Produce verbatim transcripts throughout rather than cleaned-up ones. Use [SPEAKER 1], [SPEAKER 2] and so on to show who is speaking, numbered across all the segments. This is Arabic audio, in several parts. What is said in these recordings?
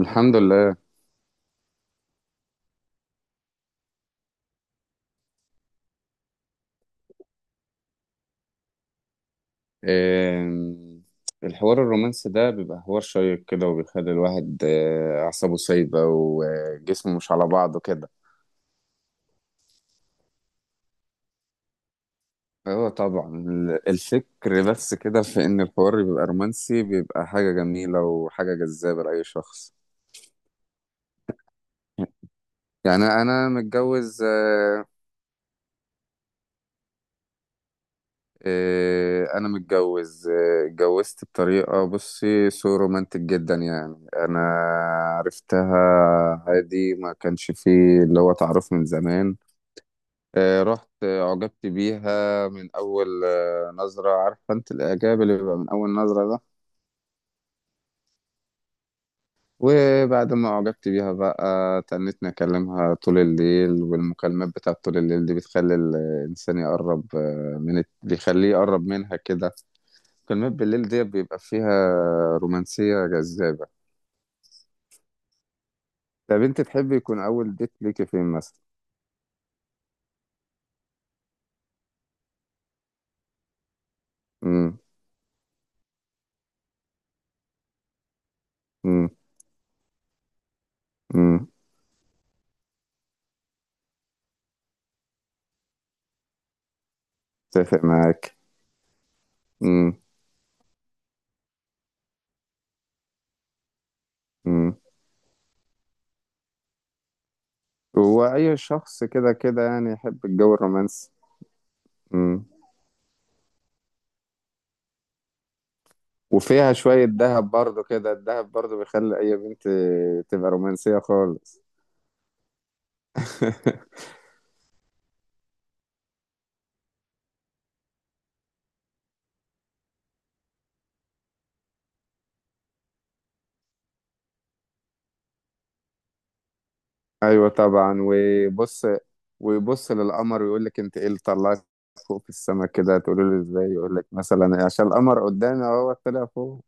[SPEAKER 1] الحمد لله. آم، الحوار الرومانسي ده بيبقى حوار شيق كده وبيخلي الواحد آه، أعصابه سايبة وجسمه مش على بعضه كده. اه طبعا ال- الفكر بس كده في إن الحوار بيبقى رومانسي بيبقى حاجة جميلة وحاجة جذابة لأي شخص. يعني أنا متجوز. آه، إيه، انا متجوز إيه، اتجوزت بطريقه بصي سو رومانتك جدا، يعني انا عرفتها عادي، ما كانش فيه اللي هو تعرف من زمان. إيه، رحت إيه، أعجبت بيها من أول آه، نظرة، عارفة أنت الإعجاب اللي بيبقى من أول نظرة ده. وبعد ما أعجبت بيها بقى تنتني أكلمها طول الليل، والمكالمات بتاعت طول الليل دي بتخلي الإنسان يقرب آه، من بيخليه يقرب منها كده. فيلمات بالليل دي بيبقى فيها رومانسية جذابة. طب انت تحبي يكون اول ديت ليكي فين مثلا؟ امم. امم. امم. اتفق معاك. امم. امم. هو اي شخص كده كده يعني يحب الجو الرومانسي. امم. وفيها شوية دهب برضو كده، الدهب برضو بيخلي اي بنت تبقى رومانسية خالص. ايوه طبعا. وبص ويبص للقمر ويقول لك انت ايه اللي طلعت فوق في السماء كده، تقول له ازاي، يقول لك مثلا عشان القمر قدامي اهو طلع فوق.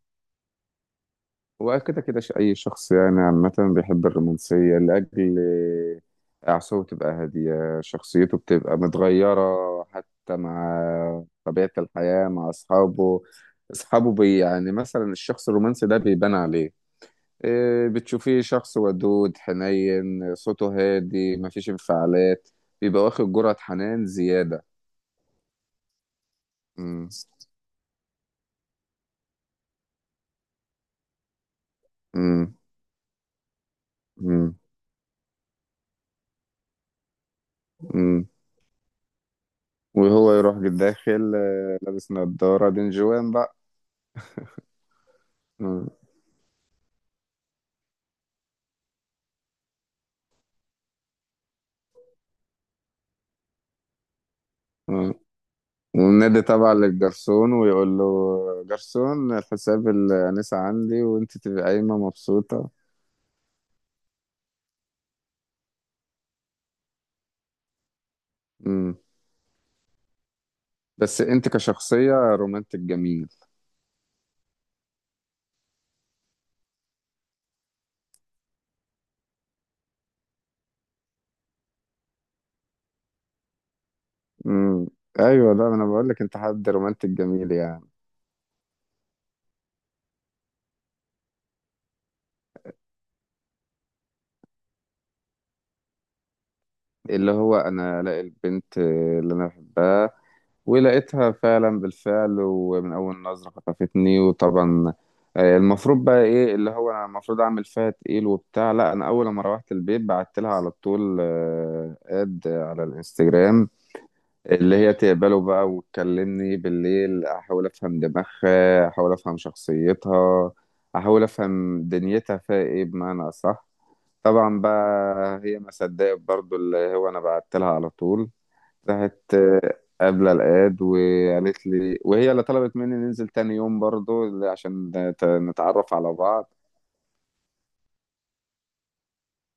[SPEAKER 1] وكده كده ش- أي شخص يعني عامة بيحب الرومانسية لأجل أعصابه تبقى هادية، شخصيته بتبقى متغيرة حتى مع طبيعة الحياة مع أصحابه. أصحابه بي يعني مثلا الشخص الرومانسي ده بيبان عليه. إيه، بتشوفيه شخص ودود حنين، صوته هادي مفيش انفعالات، بيبقى واخد جرعة حنان زيادة. مم. مم. مم. مم. وهو يروح داخل آه، لابس نضارة دين جوان. بقى آه. والنادي تبع للجرسون ويقول له جرسون الحساب الأنسة عندي وانت تبقى قايمة مبسوطة. مم. بس انت كشخصية رومانتك جميل. مم. ايوه، لا انا بقول لك انت حد رومانتك جميل يعني. اللي هو انا الاقي البنت اللي انا بحبها، ولقيتها فعلا بالفعل ومن أول نظرة خطفتني. وطبعا آه، المفروض بقى إيه اللي هو أنا المفروض أعمل فيها تقيل وبتاع، لا أنا أول ما روحت البيت بعت لها على طول آه، آد على الانستجرام، اللي هي تقبله بقى وتكلمني بالليل أحاول أفهم دماغها، أحاول أفهم شخصيتها، أحاول أفهم دنيتها فيها إيه بمعنى أصح. طبعا بقى هي ما صدقت برضو اللي هو أنا بعت لها على طول، راحت آه، قابلة الأياد وقالت لي، وهي اللي طلبت مني ننزل تاني يوم برضو ل- عشان نت- نتعرف على بعض.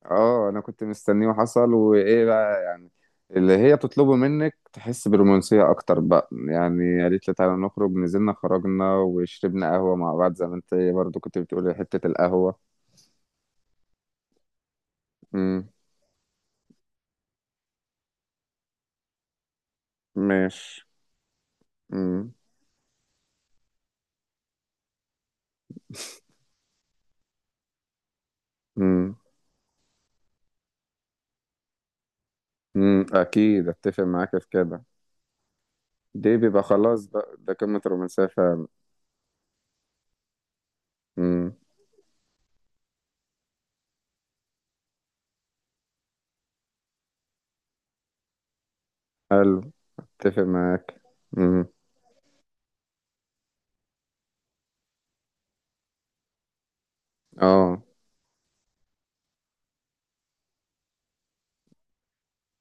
[SPEAKER 1] اه انا كنت مستنيه وحصل، وايه بقى اللي هي تطلبه منك تحس برومانسية اكتر بقى. يعني قالت لي تعالى نخرج، نزلنا خرجنا وشربنا قهوة مع بعض زي ما انت برضو كنت بتقولي حتة القهوة. امم. ماشي. امم. امم. امم اكيد اتفق معاك في كده. دي بيبقى خلاص بقى ده قمة الرومانسية فعلا. امم. حلو. اتفق معاك. امم. اه.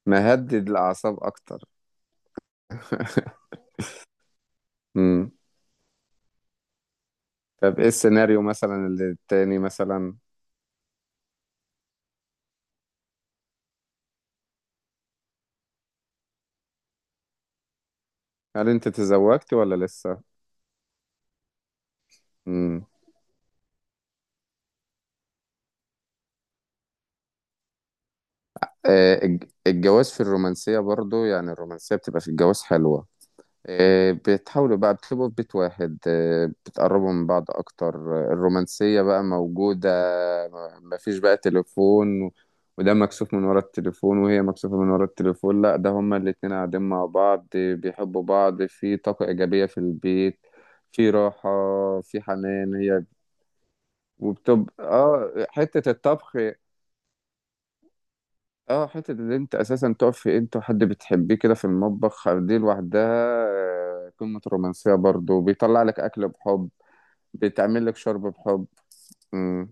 [SPEAKER 1] مهدد الأعصاب أكتر. امم. طب إيه السيناريو مثلا اللي التاني مثلا؟ هل أنت تزوجت ولا لسه؟ امم. آه الج- الجواز في الرومانسية برضو، يعني الرومانسية بتبقى في الجواز حلوة. آه، بتحاولوا بقى، بتبقوا في بيت واحد، آه، بتقربوا من بعض أكتر، آه، الرومانسية بقى موجودة، آه، مفيش بقى تليفون و- وده مكسوف من ورا التليفون وهي مكسوفة من ورا التليفون، لا ده هما الاتنين قاعدين مع بعض آه، بيحبوا بعض، في طاقة إيجابية في البيت، في راحة، في حنان هي. وبتبقى اه حتة الطبخ. اه، حتة اللي انت اساسا تقف في انت وحد بتحبيه كده في المطبخ دي لوحدها آه، قمة الرومانسية. برضو بيطلع لك اكل بحب، بيتعمل لك شرب بحب. مم.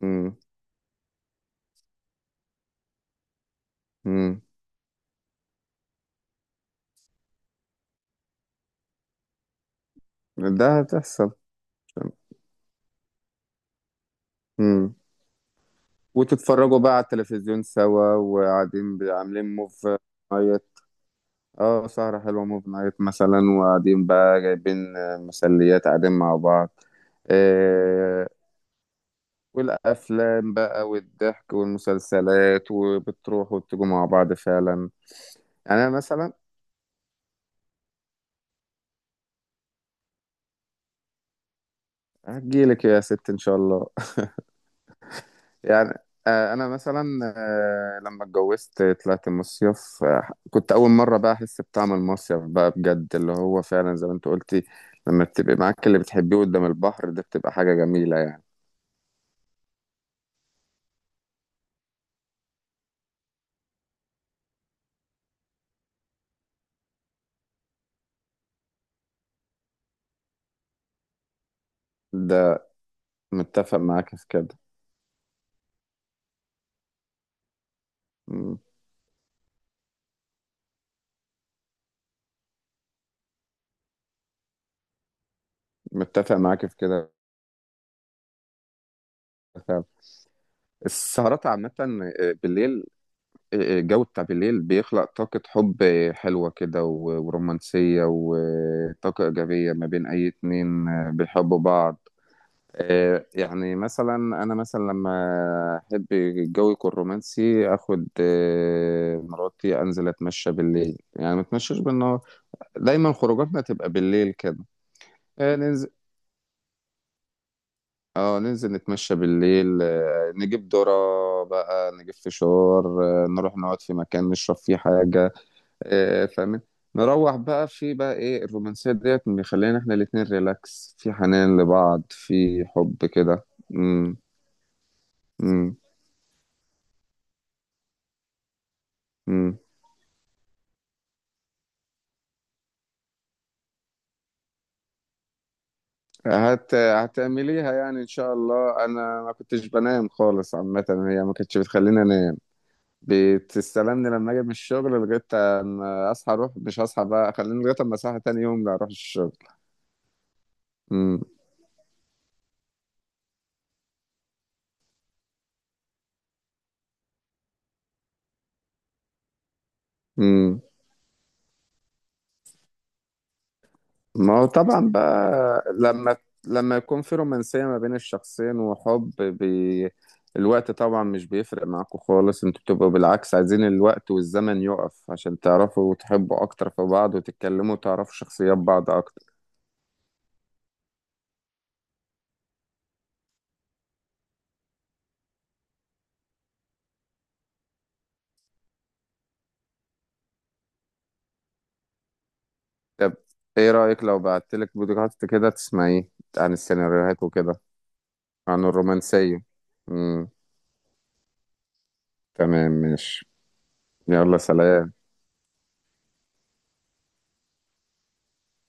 [SPEAKER 1] مم. مم. ده هتحصل. مم. وتتفرجوا بقى على التلفزيون سوا، وقاعدين بي- عاملين موف نايت. اه سهرة حلوة موف نايت مثلا، وقاعدين بقى جايبين آه، مسليات قاعدين مع بعض. آه، والافلام بقى والضحك والمسلسلات، وبتروح وبتجوا مع بعض فعلا. يعني انا مثلا هجيلك يا ست ان شاء الله. يعني آه، انا مثلا آه، لما اتجوزت طلعت مصيف، آه، كنت اول مره بقى احس بطعم المصيف بقى بجد اللي هو فعلا زي ما انت قلتي. لما بتبقي معاك اللي بتحبيه قدام البحر ده بتبقى حاجه جميله يعني. ده متفق معاك في كده. مم، متفق معاك في كده فعلا. السهرات عامه آه، بالليل، الجو بتاع بالليل بيخلق طاقة حب حلوة كده و- ورومانسية وطاقة إيجابية ما بين أي اتنين بيحبوا بعض. آه، يعني مثلا أنا مثلا لما أحب الجو يكون رومانسي أخد آه، مراتي أنزل أتمشى بالليل، يعني ما أتمشاش بالنهار. دايما خروجاتنا تبقى بالليل كده. آه، ننزل. اه ننزل نتمشى بالليل، آه، نجيب ذرة بقى، نجيب فشار، آه، نروح نقعد في مكان نشرب فيه حاجة. آه، فاهم. نروح بقى، في بقى ايه الرومانسية ديت مخلينا احنا الاتنين ريلاكس في حنان لبعض في حب كده. امم. امم. امم. هت هتعمليها يعني ان شاء الله. انا ما كنتش بنام خالص عامة، هي ما كانتش بتخليني انام، بتستلمني لما اجي من الشغل لغاية اما اصحى اروح، مش هصحى بقى خليني لغاية اما اصحى تاني يوم لا اروح الشغل. امم. ما هو طبعا بقى لما لما يكون في رومانسية ما بين الشخصين وحب بي... الوقت طبعا مش بيفرق معاكم خالص، انتوا بتبقوا بالعكس عايزين الوقت والزمن يقف عشان تعرفوا وتحبوا اكتر في بعض وتتكلموا وتعرفوا شخصيات بعض اكتر. طب ايه رأيك لو بعتلك بودكاست كده تسمعيه عن السيناريوهات وكده، عن الرومانسية. امم. تمام ماشي. يلا سلام.